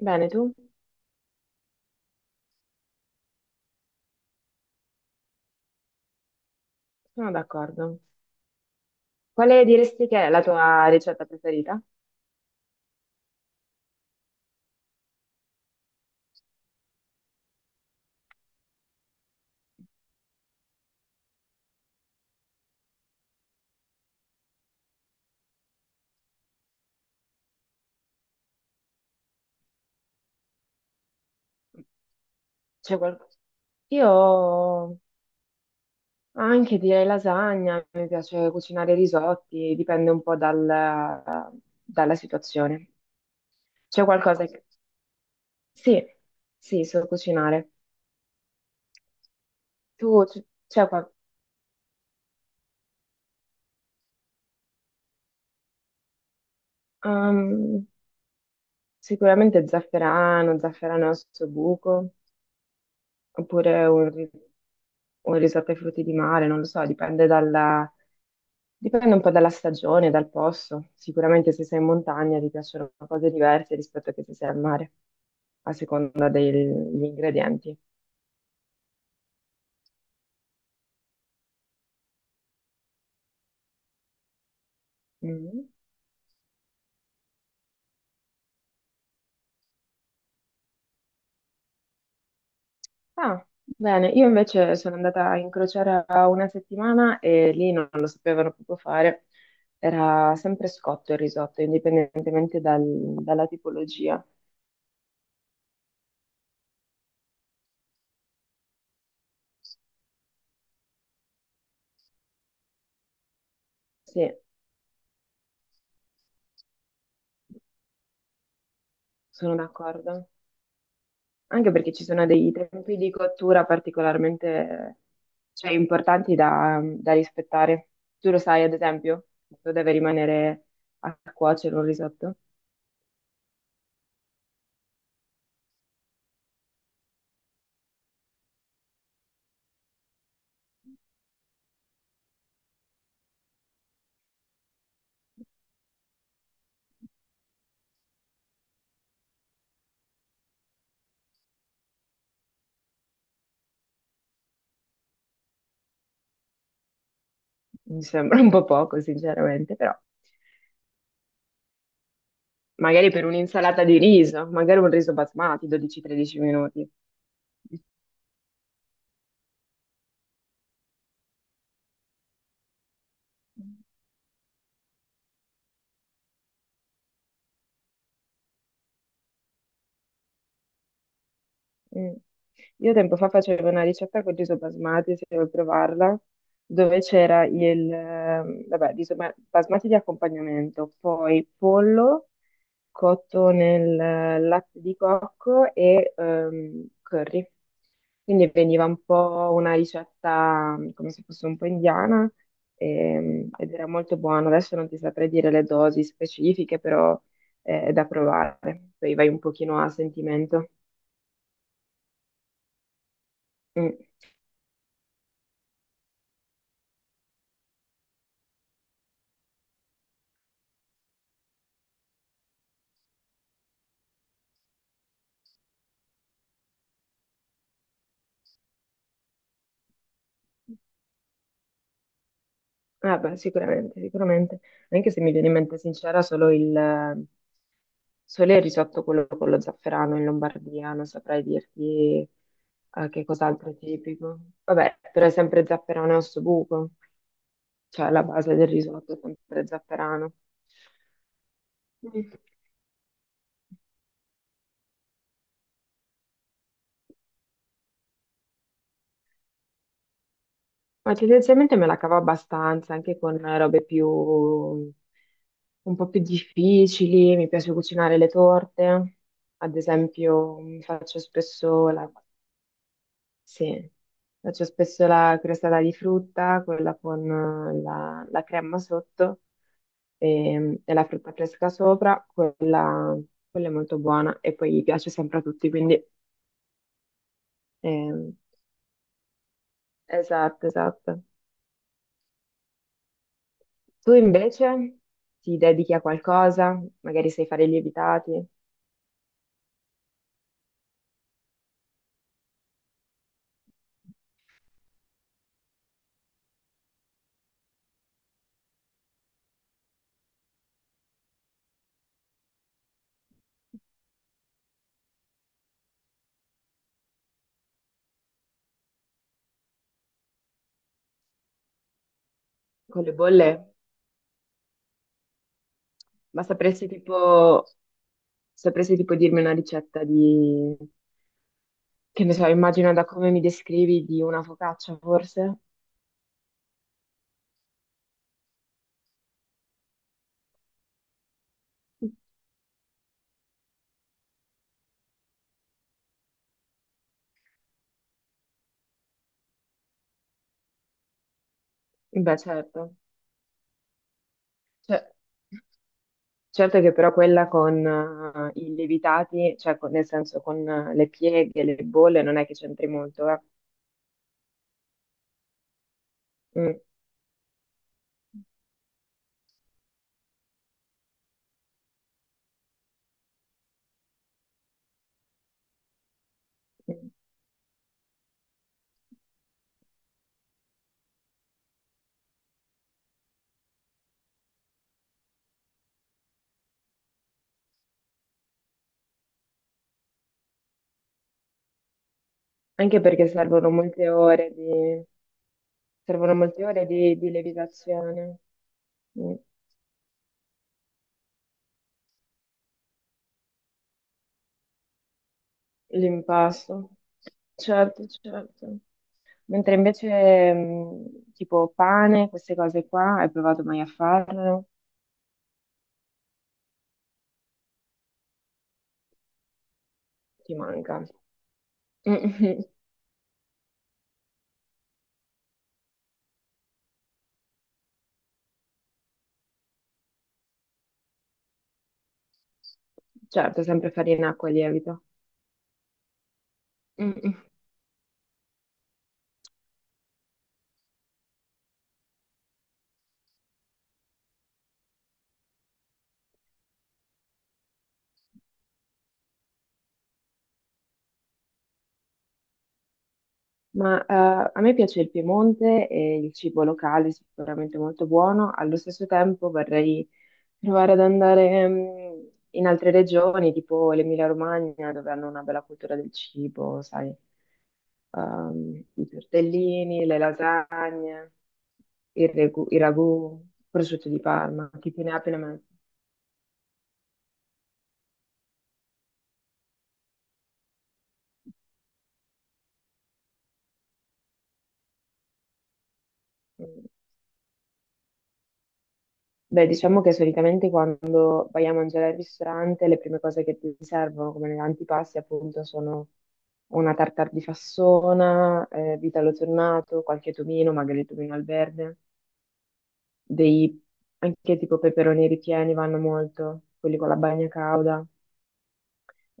Bene, tu? Sono d'accordo. Quale diresti che è la tua ricetta preferita? C'è qual- Io anche direi lasagna, mi piace cucinare risotti, dipende un po' dalla situazione. C'è qualcosa che... Sì, sì, so cucinare. Tu c- c'è qualcosa... Sicuramente zafferano, zafferano al suo buco, oppure un risotto ai frutti di mare, non lo so, dipende un po' dalla stagione, dal posto. Sicuramente se sei in montagna ti piacciono cose diverse rispetto a che se sei al mare, a seconda degli ingredienti. Mm. Ah, bene, io invece sono andata a incrociare a una settimana e lì non lo sapevano proprio fare. Era sempre scotto il risotto, indipendentemente dalla tipologia. Sì, sono d'accordo. Anche perché ci sono dei tempi di cottura particolarmente, cioè, importanti da, da rispettare. Tu lo sai, ad esempio, tu deve rimanere a cuocere un risotto. Mi sembra un po' poco, sinceramente, però. Magari per un'insalata di riso, magari un riso basmati, 12-13 minuti. Mm. Io tempo fa facevo una ricetta con riso basmati, se vuoi provarla, dove c'era il, vabbè, riso basmati di accompagnamento, poi pollo cotto nel latte di cocco e curry. Quindi veniva un po' una ricetta come se fosse un po' indiana ed era molto buono. Adesso non ti saprei dire le dosi specifiche, però è da provare. Poi vai un pochino a sentimento. Mm. Ah, beh, sicuramente, sicuramente. Anche se mi viene in mente sincera, solo il risotto quello con lo zafferano in Lombardia, non saprei dirti che cos'altro è tipico. Vabbè, però è sempre zafferano e ossobuco, cioè la base del risotto è sempre zafferano. Mm. Ma tendenzialmente me la cavo abbastanza, anche con robe più, un po' più difficili, mi piace cucinare le torte, ad esempio mi faccio spesso la Sì, faccio spesso la crostata di frutta, quella con la crema sotto e, e la frutta fresca sopra, quella è molto buona e poi piace sempre a tutti, quindi ehm, esatto, esatto. Tu invece ti dedichi a qualcosa, magari sai fare i lievitati con le bolle, ma sapresti tipo dirmi una ricetta di, che ne so, immagino da come mi descrivi di una focaccia forse? Beh, certo. Cioè, certo che però quella con i lievitati, cioè nel senso con le pieghe, le bolle, non è che c'entri molto, eh. Mm, mm. Anche perché servono molte ore di, di, lievitazione. Mm, l'impasto. Certo, certo. Mentre invece tipo pane, queste cose qua, hai provato mai a farlo? Ti manca. Mm. Mm. Certo, sempre farina, acqua e lievito. Mm, mm. Ma a me piace il Piemonte e il cibo locale è sicuramente molto buono. Allo stesso tempo vorrei provare ad andare in altre regioni, tipo l'Emilia-Romagna, dove hanno una bella cultura del cibo, sai, i tortellini, le lasagne, i ragù, prosciutto di Parma, chi più ne ha più ne metta. Beh, diciamo che solitamente quando vai a mangiare al ristorante, le prime cose che ti servono come antipasti, appunto, sono una tartare di fassona, vitello tornato, qualche tomino, magari il tomino al verde, dei anche tipo peperoni ripieni vanno molto, quelli con la bagna cauda.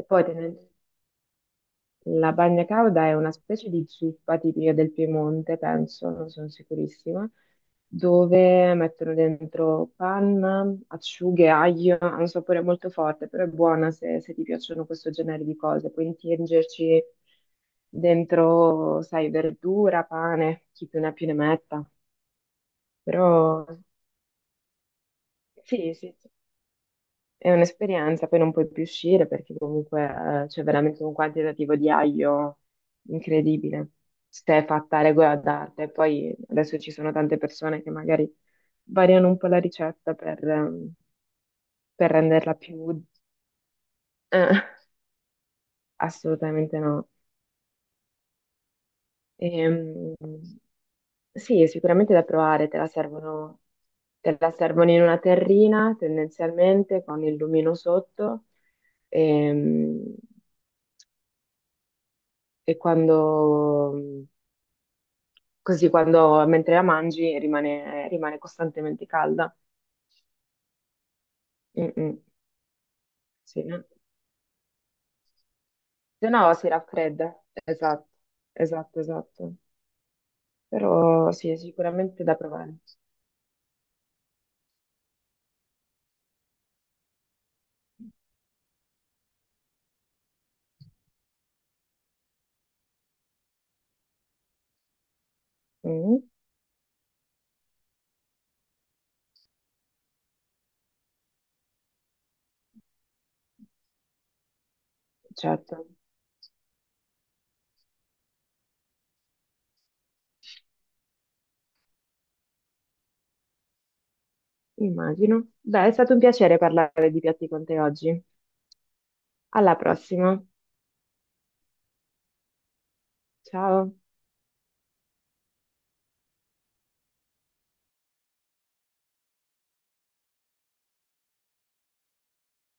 E poi tenden- La bagna cauda è una specie di zuppa tipica del Piemonte, penso, non sono sicurissima, dove mettono dentro panna, acciughe, aglio, ha un sapore molto forte, però è buona se, se ti piacciono questo genere di cose. Puoi intingerci dentro, sai, verdura, pane, chi più ne ha più ne metta. Però sì, sì, sì. È un'esperienza, poi non puoi più uscire perché comunque c'è veramente un quantitativo di aglio incredibile. Se è fatta a regola d'arte, poi adesso ci sono tante persone che magari variano un po' la ricetta per renderla più. eh, Assolutamente no. Ehm, sì, sicuramente da provare, te la servono in una terrina tendenzialmente con il lumino sotto. Ehm, e quando, così quando, mentre la mangi rimane costantemente calda. Mm, mm, sì, no? Se no si raffredda. Esatto, esatto, esatto. Però sì, è sicuramente da provare. Mm, certo, immagino. Beh, è stato un piacere parlare di piatti con te oggi. Alla prossima. Ciao.